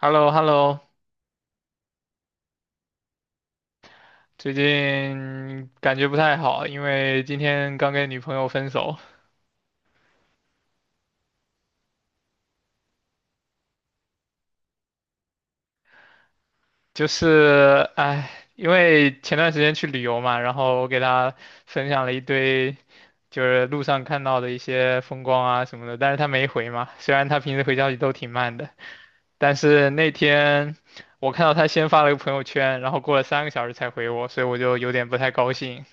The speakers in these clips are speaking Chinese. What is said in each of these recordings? h e l l o h e l l o 最近感觉不太好，因为今天刚跟女朋友分手。就是哎，因为前段时间去旅游嘛，然后我给她分享了一堆就是路上看到的一些风光啊什么的，但是她没回嘛，虽然她平时回消息都挺慢的，但是那天我看到她先发了个朋友圈，然后过了3个小时才回我，所以我就有点不太高兴。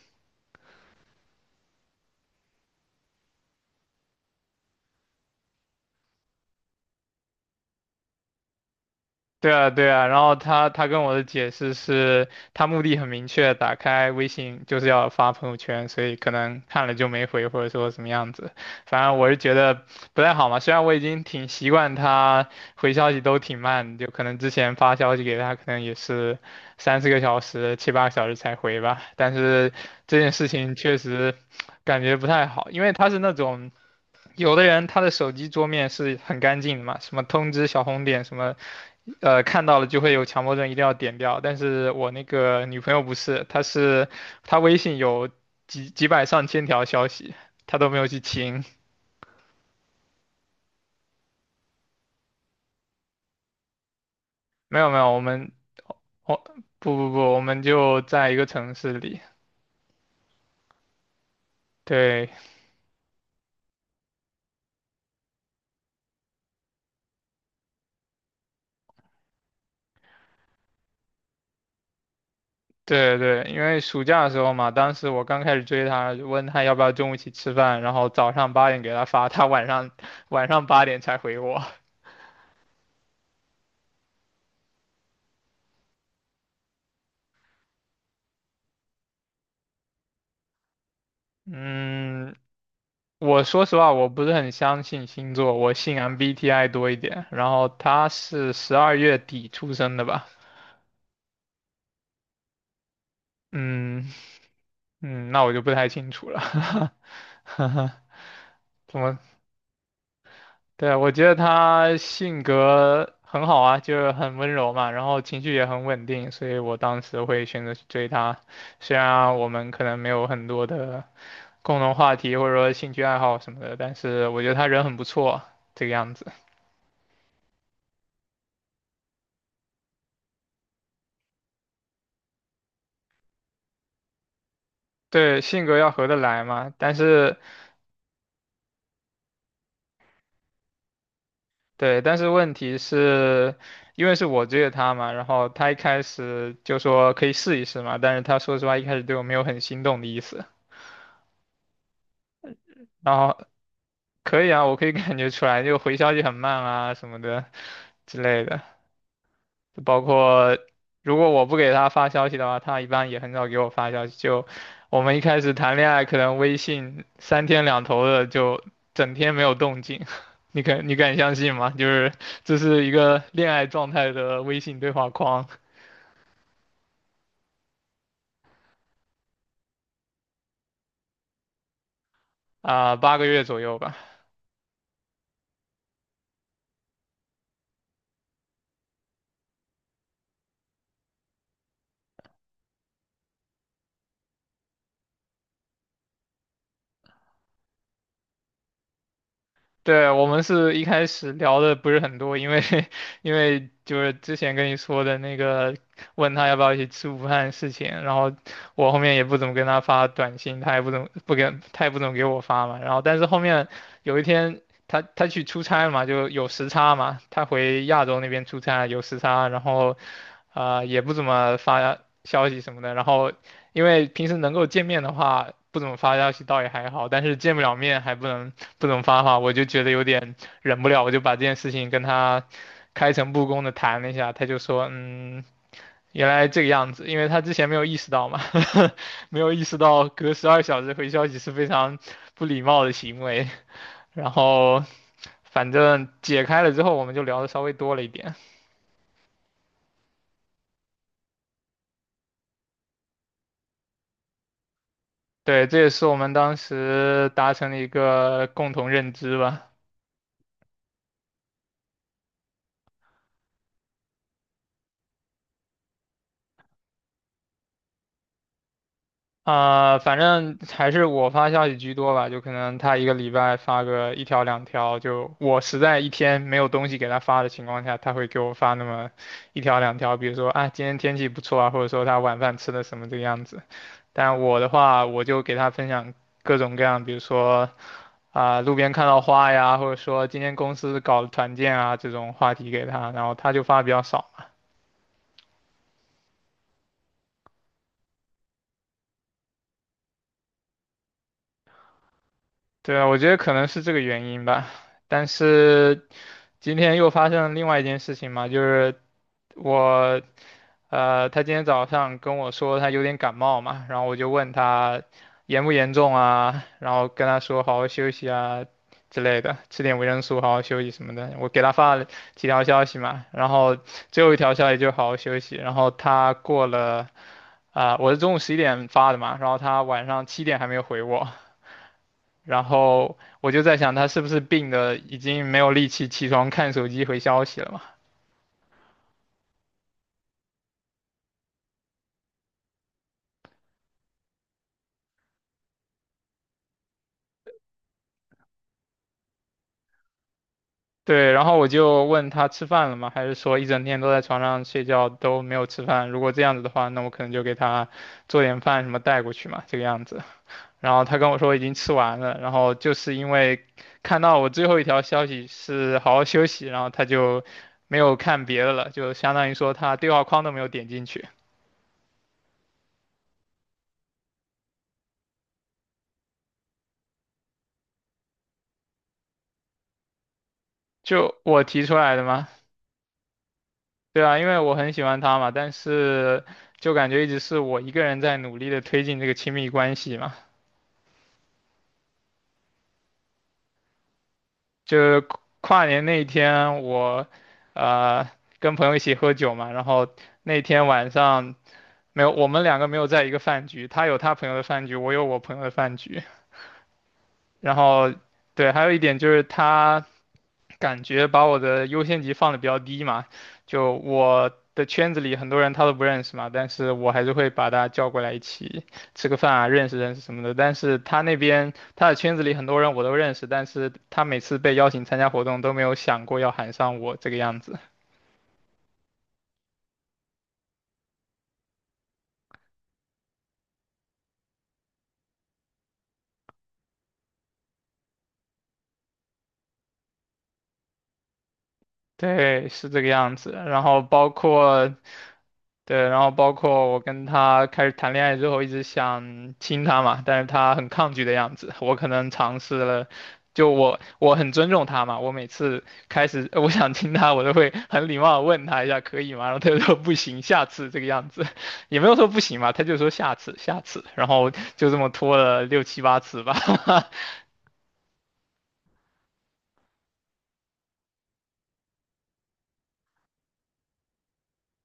对啊，对啊，然后他跟我的解释是，他目的很明确，打开微信就是要发朋友圈，所以可能看了就没回，或者说什么样子。反正我是觉得不太好嘛，虽然我已经挺习惯他回消息都挺慢，就可能之前发消息给他，可能也是三四个小时、七八个小时才回吧，但是这件事情确实感觉不太好，因为他是那种。有的人他的手机桌面是很干净的嘛，什么通知小红点什么，看到了就会有强迫症，一定要点掉。但是我那个女朋友不是，她是她微信有几百上千条消息，她都没有去清。没有没有，我们我不不不，我们就在一个城市里。对对对，因为暑假的时候嘛，当时我刚开始追她，问她要不要中午一起吃饭，然后早上八点给她发，她晚上八点才回我。嗯，我说实话，我不是很相信星座，我信 MBTI 多一点。然后他是12月底出生的吧？嗯嗯，那我就不太清楚了。怎么？对啊，我觉得他性格很好啊，就是很温柔嘛，然后情绪也很稳定，所以我当时会选择去追他。虽然我们可能没有很多的共同话题或者说兴趣爱好什么的，但是我觉得他人很不错，这个样子。对，性格要合得来嘛，但是对，但是问题是，因为是我追的他嘛，然后他一开始就说可以试一试嘛，但是他说实话一开始对我没有很心动的意思，然后可以啊，我可以感觉出来，就回消息很慢啊什么的之类的。就包括如果我不给他发消息的话，他一般也很少给我发消息。就我们一开始谈恋爱，可能微信三天两头的就整天没有动静，你敢相信吗？就是这是一个恋爱状态的微信对话框啊。8个月左右吧。对，我们是一开始聊的不是很多，因为 因为就是之前跟你说的那个，问他要不要一起吃午饭的事情，然后我后面也不怎么跟他发短信，他也不怎么给我发嘛。然后但是后面有一天他去出差嘛，就有时差嘛，他回亚洲那边出差有时差，然后也不怎么发消息什么的。然后因为平时能够见面的话，不怎么发消息倒也还好，但是见不了面还不能。不怎么发话，我就觉得有点忍不了，我就把这件事情跟他开诚布公的谈了一下，他就说，嗯，原来这个样子，因为他之前没有意识到嘛，没有意识到隔12小时回消息是非常不礼貌的行为，然后反正解开了之后，我们就聊的稍微多了一点，对，这也是我们当时达成的一个共同认知吧。反正还是我发消息居多吧，就可能他一个礼拜发个一条两条，就我实在一天没有东西给他发的情况下，他会给我发那么一条两条，比如说啊今天天气不错啊，或者说他晚饭吃的什么这个样子。但我的话，我就给他分享各种各样，比如说路边看到花呀，或者说今天公司搞了团建啊这种话题给他，然后他就发的比较少。对啊，我觉得可能是这个原因吧。但是今天又发生了另外一件事情嘛，就是我，他今天早上跟我说他有点感冒嘛，然后我就问他严不严重啊，然后跟他说好好休息啊之类的，吃点维生素，好好休息什么的。我给他发了几条消息嘛，然后最后一条消息就好好休息，然后他过了。我是中午11点发的嘛，然后他晚上7点还没有回我，然后我就在想，他是不是病的已经没有力气起床看手机回消息了嘛？对，然后我就问他吃饭了吗？还是说一整天都在床上睡觉都没有吃饭？如果这样子的话，那我可能就给他做点饭什么带过去嘛，这个样子。然后他跟我说已经吃完了，然后就是因为看到我最后一条消息是好好休息，然后他就没有看别的了，就相当于说他对话框都没有点进去，就我提出来的吗？对啊，因为我很喜欢他嘛，但是就感觉一直是我一个人在努力的推进这个亲密关系嘛。就是跨年那一天我，呃，跟朋友一起喝酒嘛，然后那天晚上没有，我们两个没有在一个饭局，他有他朋友的饭局，我有我朋友的饭局。然后，对，还有一点就是他感觉把我的优先级放的比较低嘛，就我的圈子里很多人他都不认识嘛，但是我还是会把他叫过来一起吃个饭啊，认识认识什么的。但是他那边他的圈子里很多人我都认识，但是他每次被邀请参加活动都没有想过要喊上我这个样子。对，是这个样子。然后包括，对，然后包括我跟他开始谈恋爱之后，一直想亲他嘛，但是他很抗拒的样子。我可能尝试了，就我很尊重他嘛，我每次开始我想亲他，我都会很礼貌的问他一下可以吗？然后他就说不行，下次这个样子，也没有说不行嘛，他就说下次下次，然后就这么拖了六七八次吧。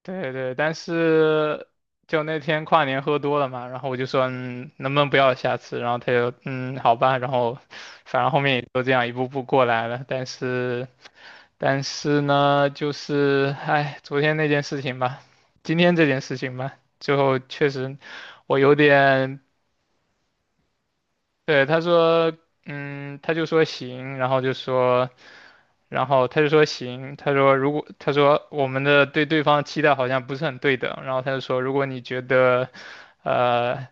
对对，但是就那天跨年喝多了嘛，然后我就说，嗯，能不能不要下次？然后他就，嗯，好吧。然后，反正后面也就这样一步步过来了。但是呢，就是，哎，昨天那件事情吧，今天这件事情吧，最后确实我有点。对，他说，嗯，他就说行，然后就说，然后他就说行，他说如果他说我们的对方期待好像不是很对等，然后他就说如果你觉得，呃，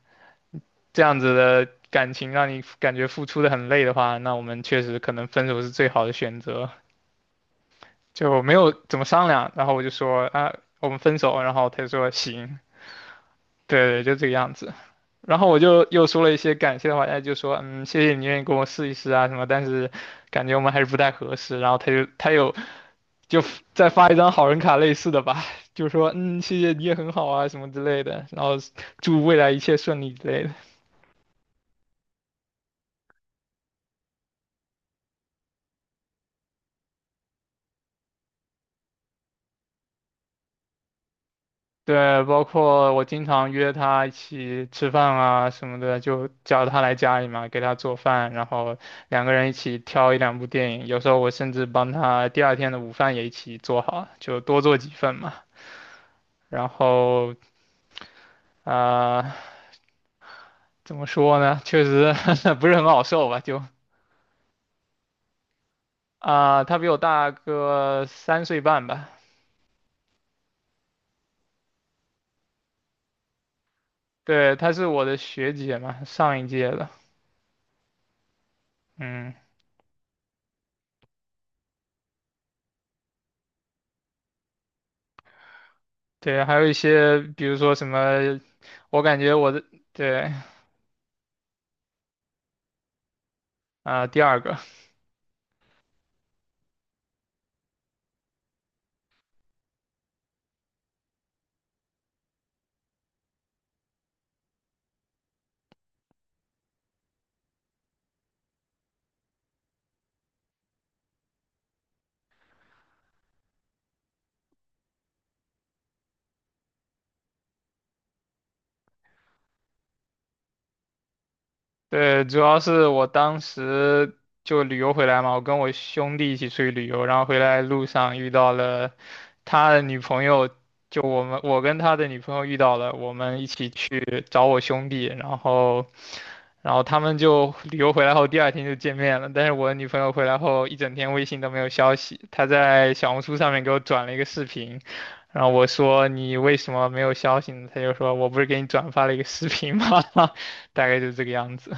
这样子的感情让你感觉付出的很累的话，那我们确实可能分手是最好的选择。就没有怎么商量，然后我就说啊，我们分手，然后他就说行，对对，就这个样子。然后我就又说了一些感谢的话，他就说，嗯，谢谢你愿意跟我试一试啊什么，但是感觉我们还是不太合适。然后他又就再发一张好人卡类似的吧，就说，嗯，谢谢你也很好啊什么之类的，然后祝未来一切顺利之类的。对，包括我经常约他一起吃饭啊什么的，就叫他来家里嘛，给他做饭，然后两个人一起挑一两部电影。有时候我甚至帮他第二天的午饭也一起做好，就多做几份嘛。然后啊、呃怎么说呢？确实 不是很好受吧？就他比我大个3岁半吧。对，她是我的学姐嘛，上一届的。嗯，对，还有一些，比如说什么，我感觉我的。对，第二个，对，主要是我当时就旅游回来嘛，我跟我兄弟一起出去旅游，然后回来路上遇到了他的女朋友，就我跟他的女朋友遇到了，我们一起去找我兄弟，然后他们就旅游回来后第二天就见面了，但是我的女朋友回来后一整天微信都没有消息，她在小红书上面给我转了一个视频，然后我说你为什么没有消息呢？她就说我不是给你转发了一个视频吗？大概就是这个样子。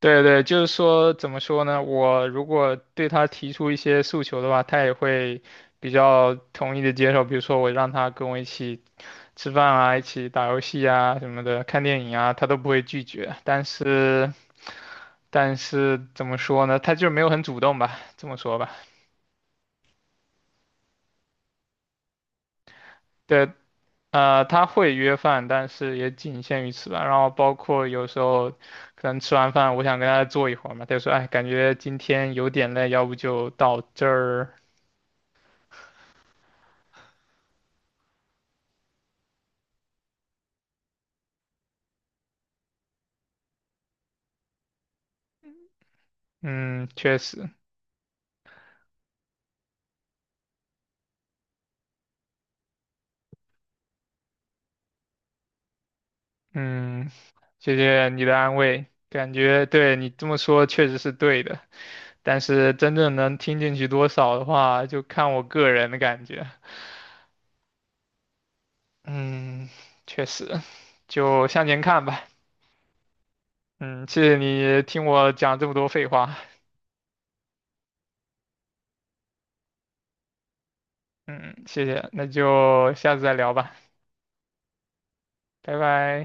对对，就是说，怎么说呢？我如果对他提出一些诉求的话，他也会比较同意的接受。比如说，我让他跟我一起吃饭啊，一起打游戏啊什么的，看电影啊，他都不会拒绝。但是，但是怎么说呢？他就没有很主动吧，这么说吧。对，他会约饭，但是也仅限于此吧。然后包括有时候可能吃完饭，我想跟他坐一会儿嘛，他就说，哎，感觉今天有点累，要不就到这儿。嗯，确实，嗯，谢谢你的安慰，感觉对你这么说确实是对的，但是真正能听进去多少的话，就看我个人的感觉。嗯，确实，就向前看吧。嗯，谢谢你听我讲这么多废话。嗯，谢谢，那就下次再聊吧，拜拜。